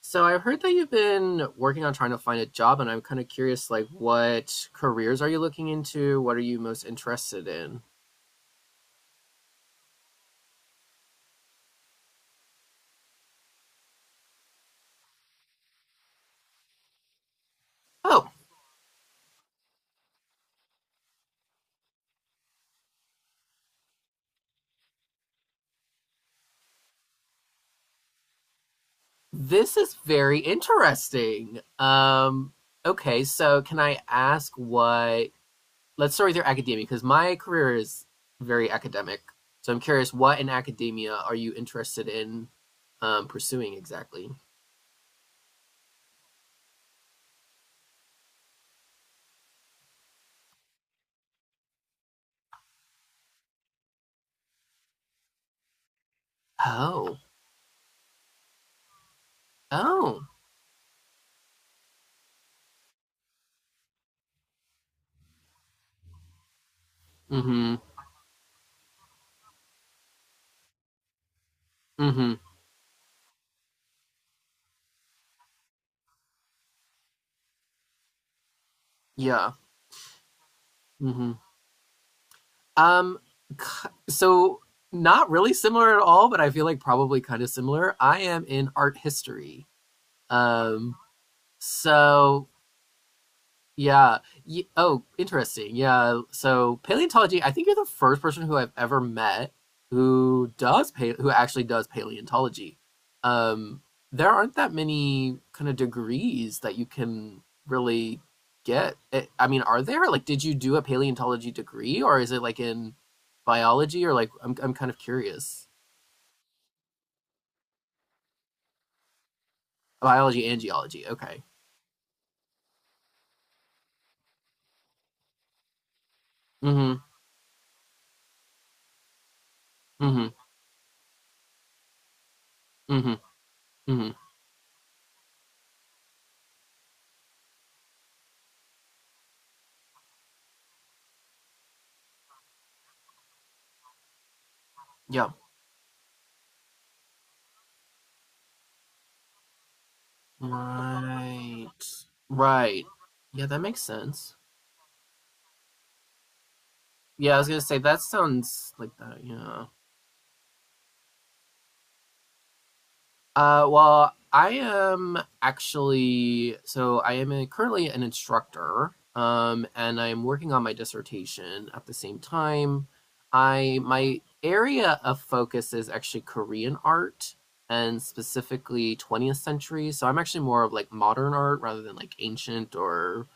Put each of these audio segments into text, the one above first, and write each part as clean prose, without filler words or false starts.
So I've heard that you've been working on trying to find a job, and I'm kind of curious, like, what careers are you looking into? What are you most interested in? Oh, this is very interesting. Okay, so can I ask let's start with your academia, because my career is very academic. So I'm curious, what in academia are you interested in pursuing exactly? Oh, oh, mm-hmm, mm-hmm, yeah, mm-hmm. Um, So, not really similar at all, but I feel like probably kind of similar. I am in art history. Um, so yeah. Y Oh, interesting. Yeah. So paleontology, I think you're the first person who I've ever met who does pa who actually does paleontology. Um, there aren't that many kind of degrees that you can really get. I mean, are there? Like, did you do a paleontology degree or is it like in biology or like I'm kind of curious. Biology and geology. Okay. Mm-hmm. Mm-hmm. Mm-hmm. Mm-hmm. Yep. Right. Right. Yeah, that makes sense. Yeah, I was gonna say that sounds like that. Yeah. Well, I am actually, I am currently an instructor, and I am working on my dissertation at the same time. I My area of focus is actually Korean art and specifically 20th century. So I'm actually more of like modern art rather than like ancient or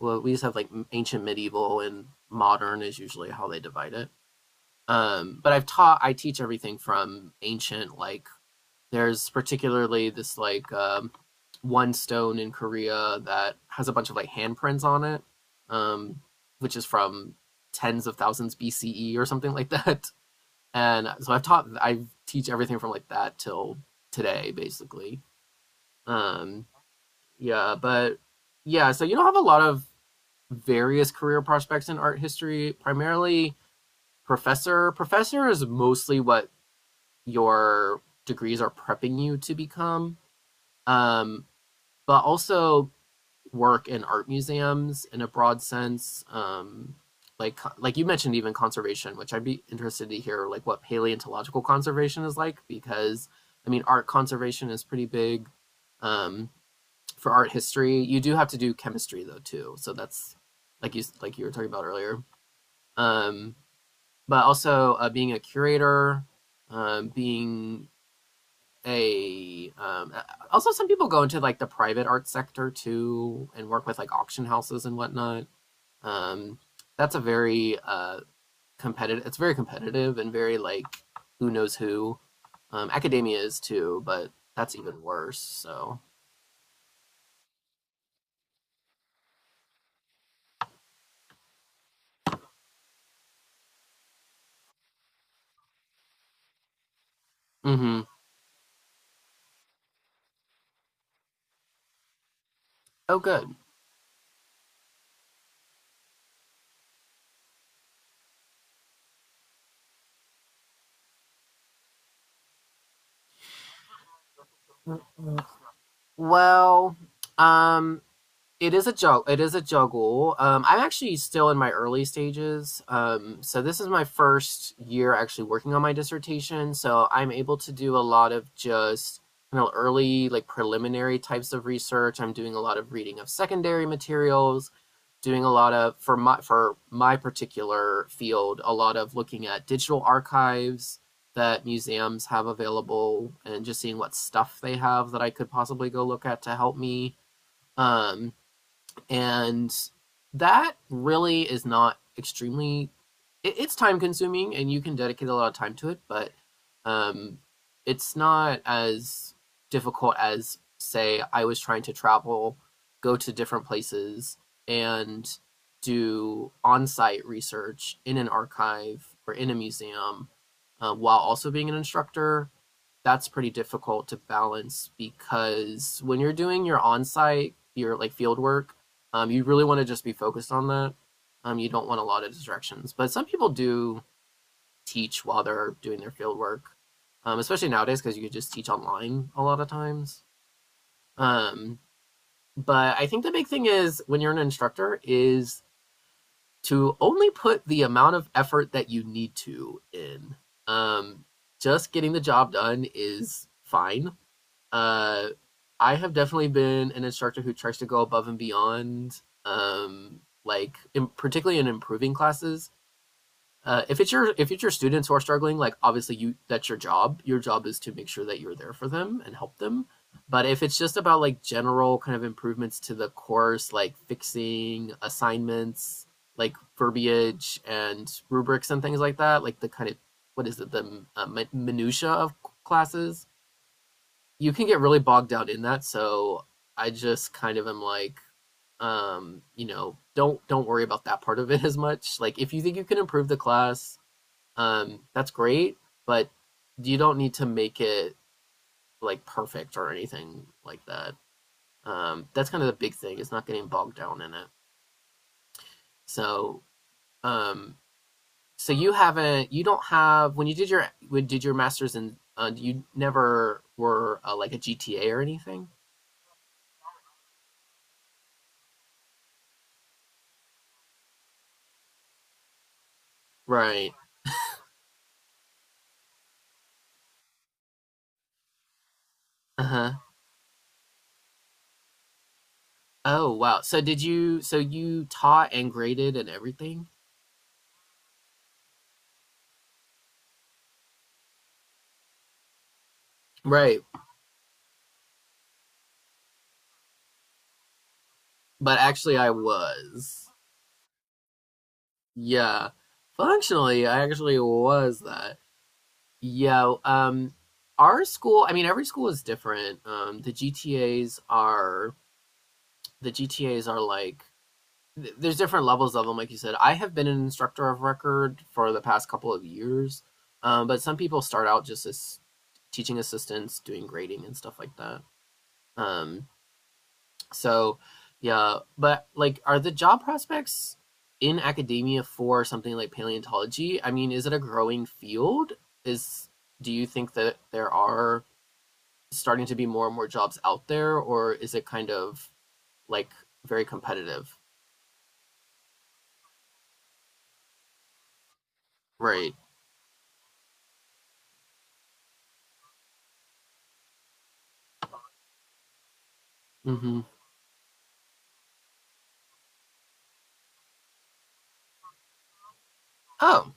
well, we just have like ancient, medieval, and modern is usually how they divide it. But I teach everything from ancient like there's particularly this like one stone in Korea that has a bunch of like handprints on it, um, which is from tens of thousands BCE or something like that. And so I teach everything from like that till today, basically. Um, yeah, but yeah, so you don't have a lot of various career prospects in art history, primarily professor. Professor is mostly what your degrees are prepping you to become. Um, but also work in art museums in a broad sense. Like you mentioned, even conservation, which I'd be interested to hear like what paleontological conservation is like because I mean art conservation is pretty big um, for art history. You do have to do chemistry though too, so that's like you were talking about earlier. Um, but also being a curator, being a also some people go into like the private art sector too and work with like auction houses and whatnot um that's a very competitive, it's very competitive and very like who knows who, academia is too, but that's even worse. So mm-hmm, oh good. Well um it is a juggle. It is a juggle. I'm actually still in my early stages. So this is my first year actually working on my dissertation. So I'm able to do a lot of just you know early like preliminary types of research. I'm doing a lot of reading of secondary materials, doing a lot of for my particular field, a lot of looking at digital archives that museums have available and just seeing what stuff they have that I could possibly go look at to help me. Um, and that really is not extremely it's time consuming and you can dedicate a lot of time to it, but um it's not as difficult as say I was trying to travel, go to different places and do on-site research in an archive or in a museum, while also being an instructor. That's pretty difficult to balance because when you're doing your on-site, your like field work, you really want to just be focused on that. You don't want a lot of distractions. But some people do teach while they're doing their field work, especially nowadays because you can just teach online a lot of times. Um, but I think the big thing is when you're an instructor is to only put the amount of effort that you need to in. Um, just getting the job done is fine. uh, I have definitely been an instructor who tries to go above and beyond, particularly in improving classes. If it's your students who are struggling, like obviously you that's your job. Your job is to make sure that you're there for them and help them. But if it's just about like general kind of improvements to the course, like fixing assignments, like verbiage and rubrics and things like that, like the kind of what is it the minutia of classes, you can get really bogged out in that. So I just kind of am like, you know, don't worry about that part of it as much. Like if you think you can improve the class, that's great, but you don't need to make it like perfect or anything like that. That's kind of the big thing is not getting bogged down in it. So, um, so you haven't, you don't have when you did your when did your masters in, you never were like a GTA or anything, right? Uh huh. Oh, wow. So did you, so you taught and graded and everything? Right. But actually, I was. Yeah. Functionally, I actually was that. Yeah. Our school, I mean, every school is different. The GTAs are like, there's different levels of them, like you said. I have been an instructor of record for the past couple of years. But some people start out just as teaching assistants, doing grading and stuff like that. Um, So, yeah, but like, are the job prospects in academia for something like paleontology? I mean, is it a growing field? Is do you think that there are starting to be more and more jobs out there, or is it kind of like very competitive? Right. Mm-hmm. Oh.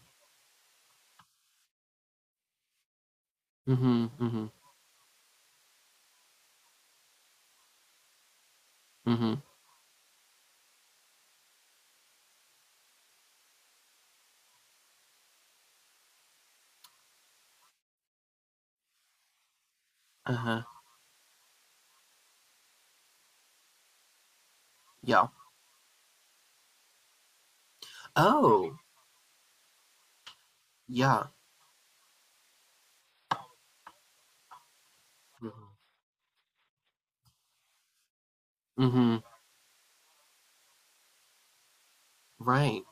Mm-hmm. Mm-hmm. Mm-hmm. Uh-huh. Yeah. Oh. Yeah. Mm-hmm. Mm-hmm. Right.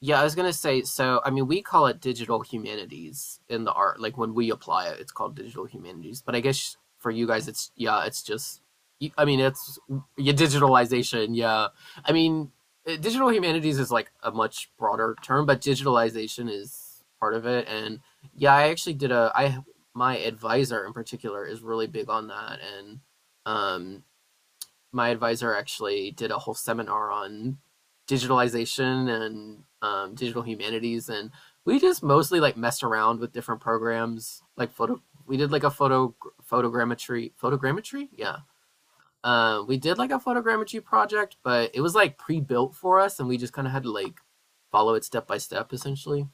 Yeah, I was gonna say, so I mean, we call it digital humanities in the art. Like when we apply it, it's called digital humanities. But I guess for you guys, it's yeah, it's just. I mean, it's yeah, digitalization. Yeah, I mean, digital humanities is like a much broader term, but digitalization is part of it. And yeah, I actually did a. I My advisor in particular is really big on that, and um my advisor actually did a whole seminar on digitalization and digital humanities, and we just mostly like messed around with different programs, like photo. We did like a photogrammetry, yeah. We did like a photogrammetry project, but it was like pre-built for us, and we just kind of had to like follow it step by step, essentially.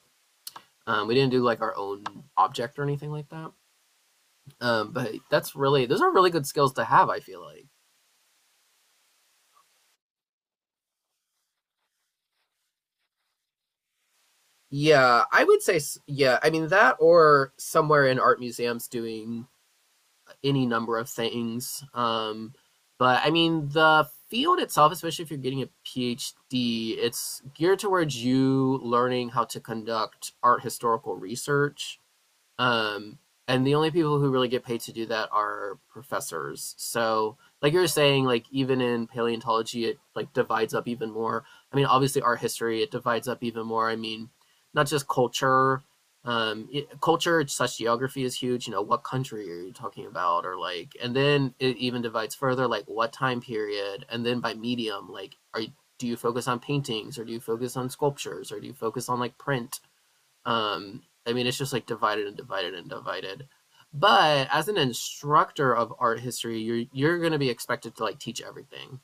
We didn't do like our own object or anything like that. But that's really those are really good skills to have. I feel like yeah, I would say, yeah, I mean that or somewhere in art museums doing any number of things. But I mean, the field itself, especially if you're getting a PhD, it's geared towards you learning how to conduct art historical research. Um, and the only people who really get paid to do that are professors. So, like you were saying, like even in paleontology, it like divides up even more. I mean, obviously art history, it divides up even more. I mean, not just culture. Culture such geography is huge. You know, what country are you talking about, or like, and then it even divides further, like what time period, and then by medium, do you focus on paintings, or do you focus on sculptures, or do you focus on like print? I mean, it's just like divided and divided and divided. But as an instructor of art history, you're going to be expected to like teach everything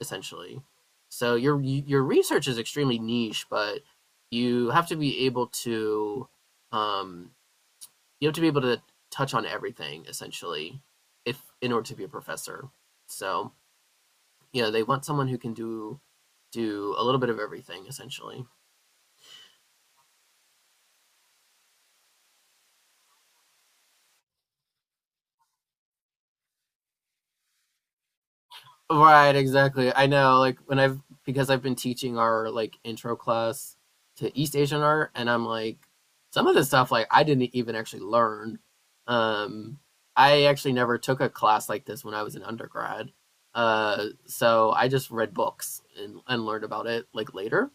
essentially. So your research is extremely niche, but you have to be able to um, you have to be able to touch on everything essentially, if in order to be a professor. So you know they want someone who can do a little bit of everything essentially. Right, exactly. I know, like when I've because I've been teaching our like intro class to East Asian art and I'm like some of the stuff like I didn't even actually learn. Um I actually never took a class like this when I was an undergrad. So I just read books and learned about it like later.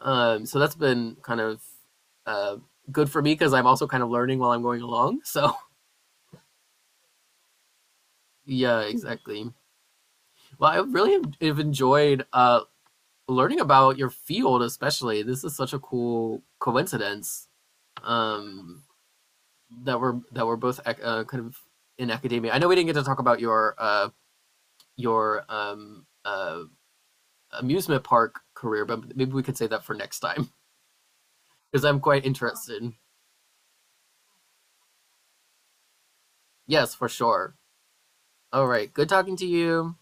So that's been kind of uh good for me because I'm also kind of learning while I'm going along. So yeah, exactly. Well, I really have enjoyed learning about your field, especially this is such a cool coincidence um that we're both kind of in academia. I know we didn't get to talk about your your um uh amusement park career, but maybe we could say that for next time because I'm quite interested. Yes, for sure. All right, good talking to you.